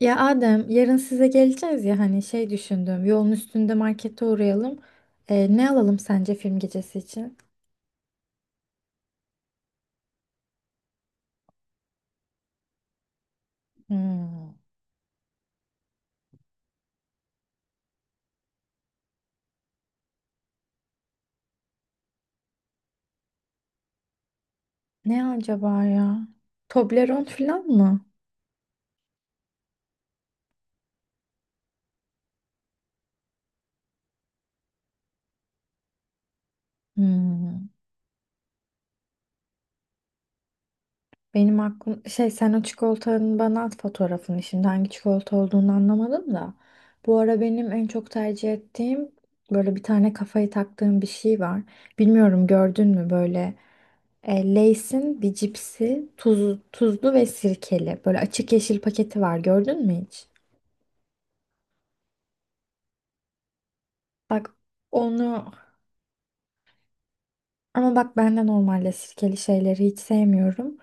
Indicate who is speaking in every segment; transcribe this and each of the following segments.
Speaker 1: Ya Adem, yarın size geleceğiz ya düşündüm. Yolun üstünde markete uğrayalım. Ne alalım sence film gecesi için? Hmm. Ne acaba ya? Toblerone falan mı? Hmm. Benim aklım şey, sen o çikolatanın bana at fotoğrafını, şimdi hangi çikolata olduğunu anlamadım da. Bu ara benim en çok tercih ettiğim böyle bir tane kafayı taktığım bir şey var. Bilmiyorum gördün mü böyle Lay's'in bir cipsi, tuzlu ve sirkeli, böyle açık yeşil paketi var, gördün mü hiç? Bak onu. Ama bak, ben de normalde sirkeli şeyleri hiç sevmiyorum.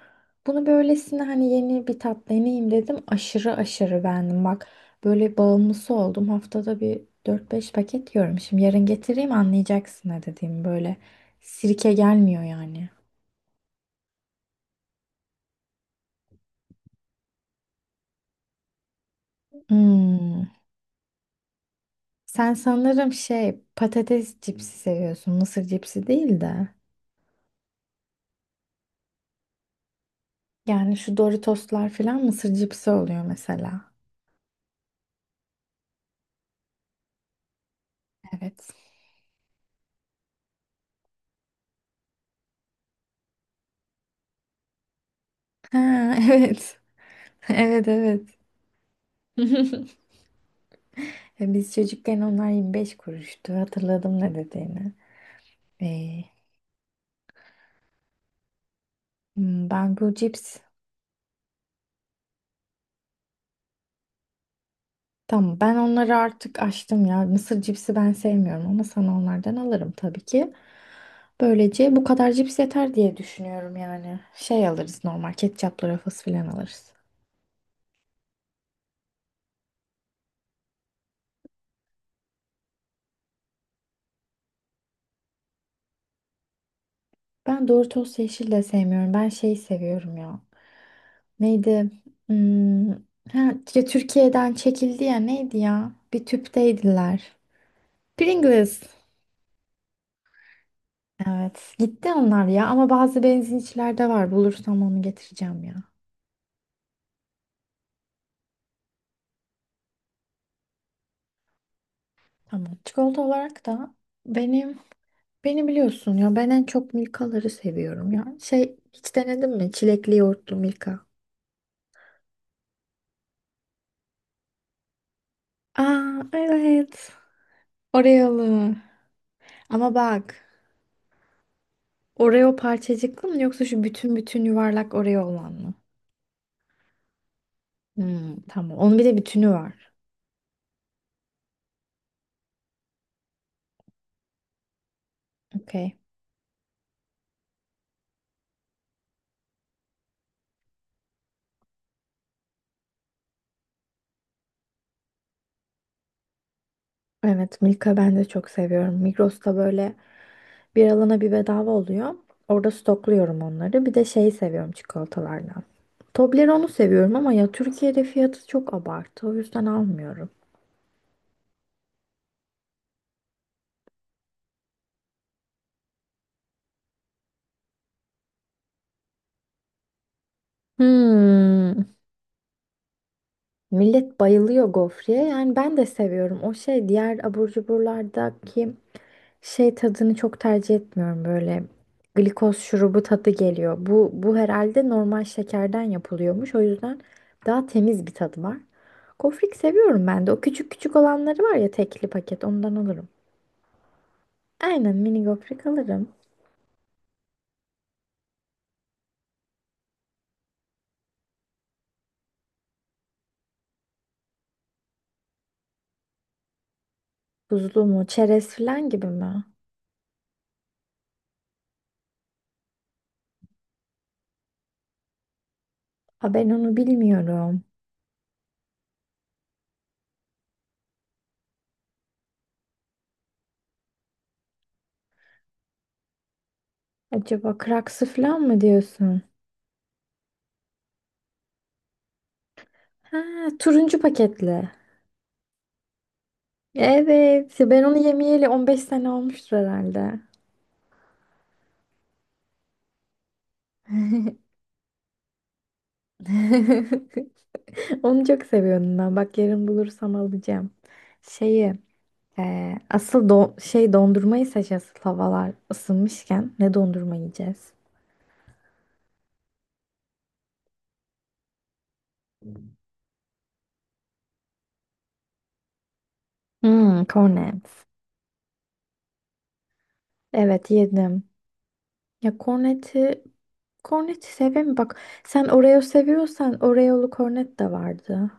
Speaker 1: Bunu böylesine, hani yeni bir tat deneyeyim dedim. Aşırı aşırı beğendim. Bak böyle bağımlısı oldum. Haftada bir dört beş paket yiyorum. Şimdi yarın getireyim, anlayacaksın ne dediğim böyle. Sirke gelmiyor yani. Hmm. Sen sanırım şey, patates cipsi seviyorsun. Mısır cipsi değil de. Yani şu Doritoslar falan mısır cipsi oluyor mesela. Evet. Ha, evet. Evet, evet. Ya biz çocukken onlar 25 kuruştu. Hatırladım ne dediğini. Ee, Ben bu cips... Tamam, ben onları artık açtım ya. Mısır cipsi ben sevmiyorum ama sana onlardan alırım tabii ki. Böylece bu kadar cips yeter diye düşünüyorum yani. Şey alırız, normal ketçaplı rafız falan alırız. Ben Doritos yeşil de sevmiyorum. Ben şeyi seviyorum ya. Neydi? Hmm, ha, Ya Türkiye'den çekildi ya, neydi ya? Bir tüpteydiler. Pringles. Evet. Gitti onlar ya ama bazı benzinçilerde var. Bulursam onu getireceğim ya. Tamam. Çikolata olarak da benim, beni biliyorsun ya, ben en çok Milka'ları seviyorum ya. Şey hiç denedin mi? Çilekli yoğurtlu Milka. Aa, evet. Oreo'lu. Ama bak, Oreo parçacıklı mı yoksa şu bütün bütün yuvarlak Oreo olan mı? Hmm, tamam. Onun bir de bütünü var. Okey. Evet, Milka ben de çok seviyorum. Migros'ta böyle bir alana bir bedava oluyor. Orada stokluyorum onları. Bir de şeyi seviyorum çikolatalardan. Toblerone'u seviyorum ama ya Türkiye'de fiyatı çok abartı. O yüzden almıyorum. Hmm. Millet bayılıyor gofreye. Yani ben de seviyorum. O şey, diğer abur cuburlardaki şey tadını çok tercih etmiyorum. Böyle glikoz şurubu tadı geliyor. Bu herhalde normal şekerden yapılıyormuş. O yüzden daha temiz bir tadı var. Gofrik seviyorum ben de. O küçük küçük olanları var ya, tekli paket, ondan alırım. Aynen mini gofret alırım. Buzlu mu? Çerez falan gibi mi? Ha, ben onu bilmiyorum. Acaba kraksı falan mı diyorsun? Ha, turuncu paketli. Evet, ben onu yemeyeli 15 sene olmuştur herhalde. Onu çok seviyorum ben. Bak yarın bulursam alacağım. Şeyi, e, asıl don şey dondurmayı seç, asıl havalar ısınmışken ne dondurma yiyeceğiz? Hmm, cornets. Evet, yedim. Ya korneti, korneti seveyim mi? Bak sen Oreo seviyorsan Oreo'lu kornet de vardı.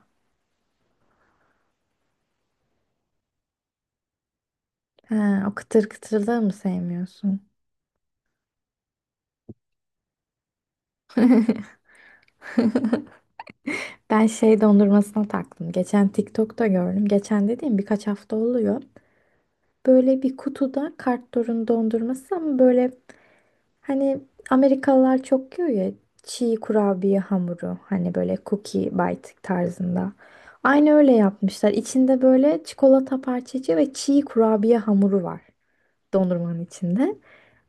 Speaker 1: He, o kıtır kıtırlığı mı sevmiyorsun? Ben şey dondurmasına taktım. Geçen TikTok'ta gördüm. Geçen dediğim birkaç hafta oluyor. Böyle bir kutuda Kartdor'un dondurması, ama böyle hani Amerikalılar çok yiyor ya, çiğ kurabiye hamuru, hani böyle cookie bite tarzında. Aynı öyle yapmışlar. İçinde böyle çikolata parçacığı ve çiğ kurabiye hamuru var. Dondurmanın içinde.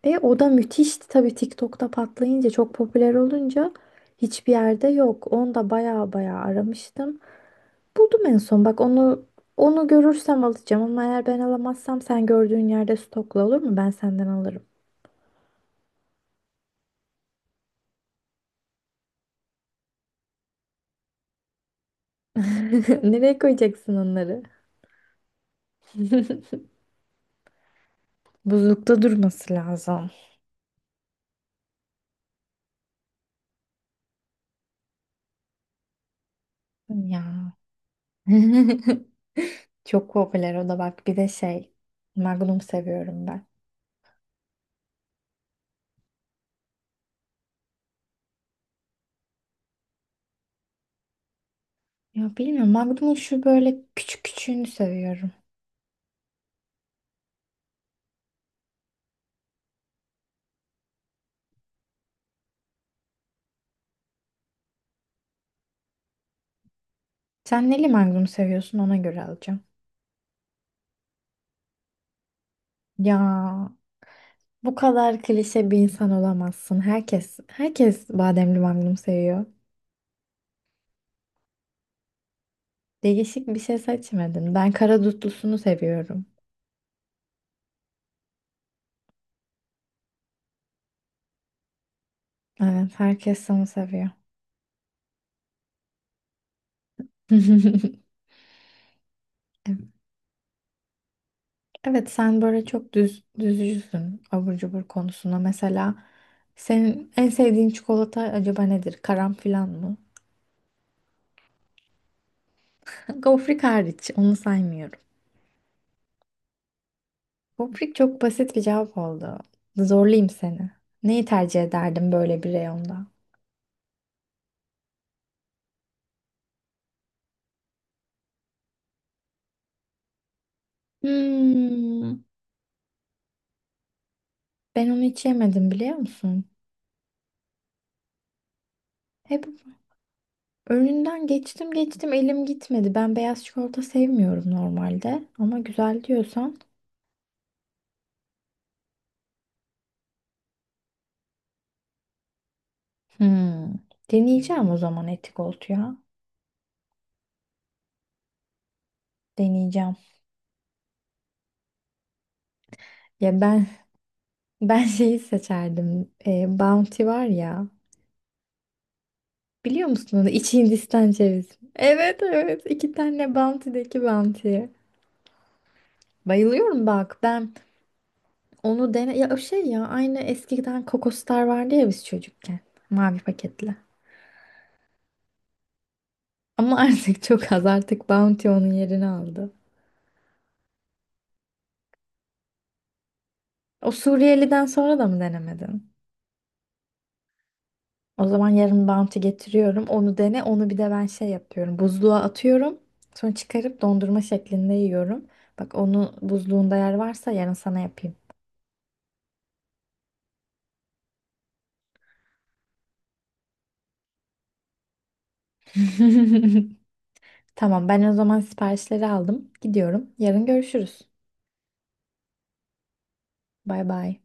Speaker 1: Ve o da müthişti tabii, TikTok'ta patlayınca, çok popüler olunca hiçbir yerde yok. Onu da baya baya aramıştım. Buldum en son. Bak onu, onu görürsem alacağım ama eğer ben alamazsam sen gördüğün yerde stokla, olur mu? Ben senden alırım. Nereye koyacaksın onları? Buzlukta durması lazım. Ya. Çok popüler o da. Bak bir de şey, Magnum seviyorum ben. Ya bilmiyorum, Magnum'un şu böyle küçük küçüğünü seviyorum. Sen neli magnum seviyorsun, ona göre alacağım. Ya bu kadar klişe bir insan olamazsın. Herkes bademli magnum seviyor. Değişik bir şey seçmedin. Ben kara dutlusunu seviyorum. Evet, herkes onu seviyor. Evet, sen böyle çok düz düzcüsün abur cubur konusunda. Mesela senin en sevdiğin çikolata acaba nedir? Karanfil mı? Gofrik hariç, onu saymıyorum. Poprik çok basit bir cevap oldu. Zorlayayım seni. Neyi tercih ederdin böyle bir reyonda? Hmm, ben onu hiç yemedim, biliyor musun? Hep önünden geçtim geçtim, elim gitmedi. Ben beyaz çikolata sevmiyorum normalde. Ama güzel diyorsan. Hmm, deneyeceğim o zaman, etik ya. Deneyeceğim. Ya ben ben şeyi seçerdim. Bounty var ya. Biliyor musun onu? İç Hindistan cevizi. Evet, evet. İki tane Bounty'deki Bounty. Bayılıyorum bak ben, onu dene ya, o şey ya, aynı eskiden Kokostar vardı ya biz çocukken, mavi paketli. Ama artık çok az, artık Bounty onun yerini aldı. O Suriyeli'den sonra da mı denemedin? O zaman yarın Bounty getiriyorum, onu dene. Onu bir de ben şey yapıyorum, buzluğa atıyorum, sonra çıkarıp dondurma şeklinde yiyorum. Bak onu, buzluğunda yer varsa yarın sana yapayım. Tamam, ben o zaman siparişleri aldım, gidiyorum, yarın görüşürüz. Bay bay.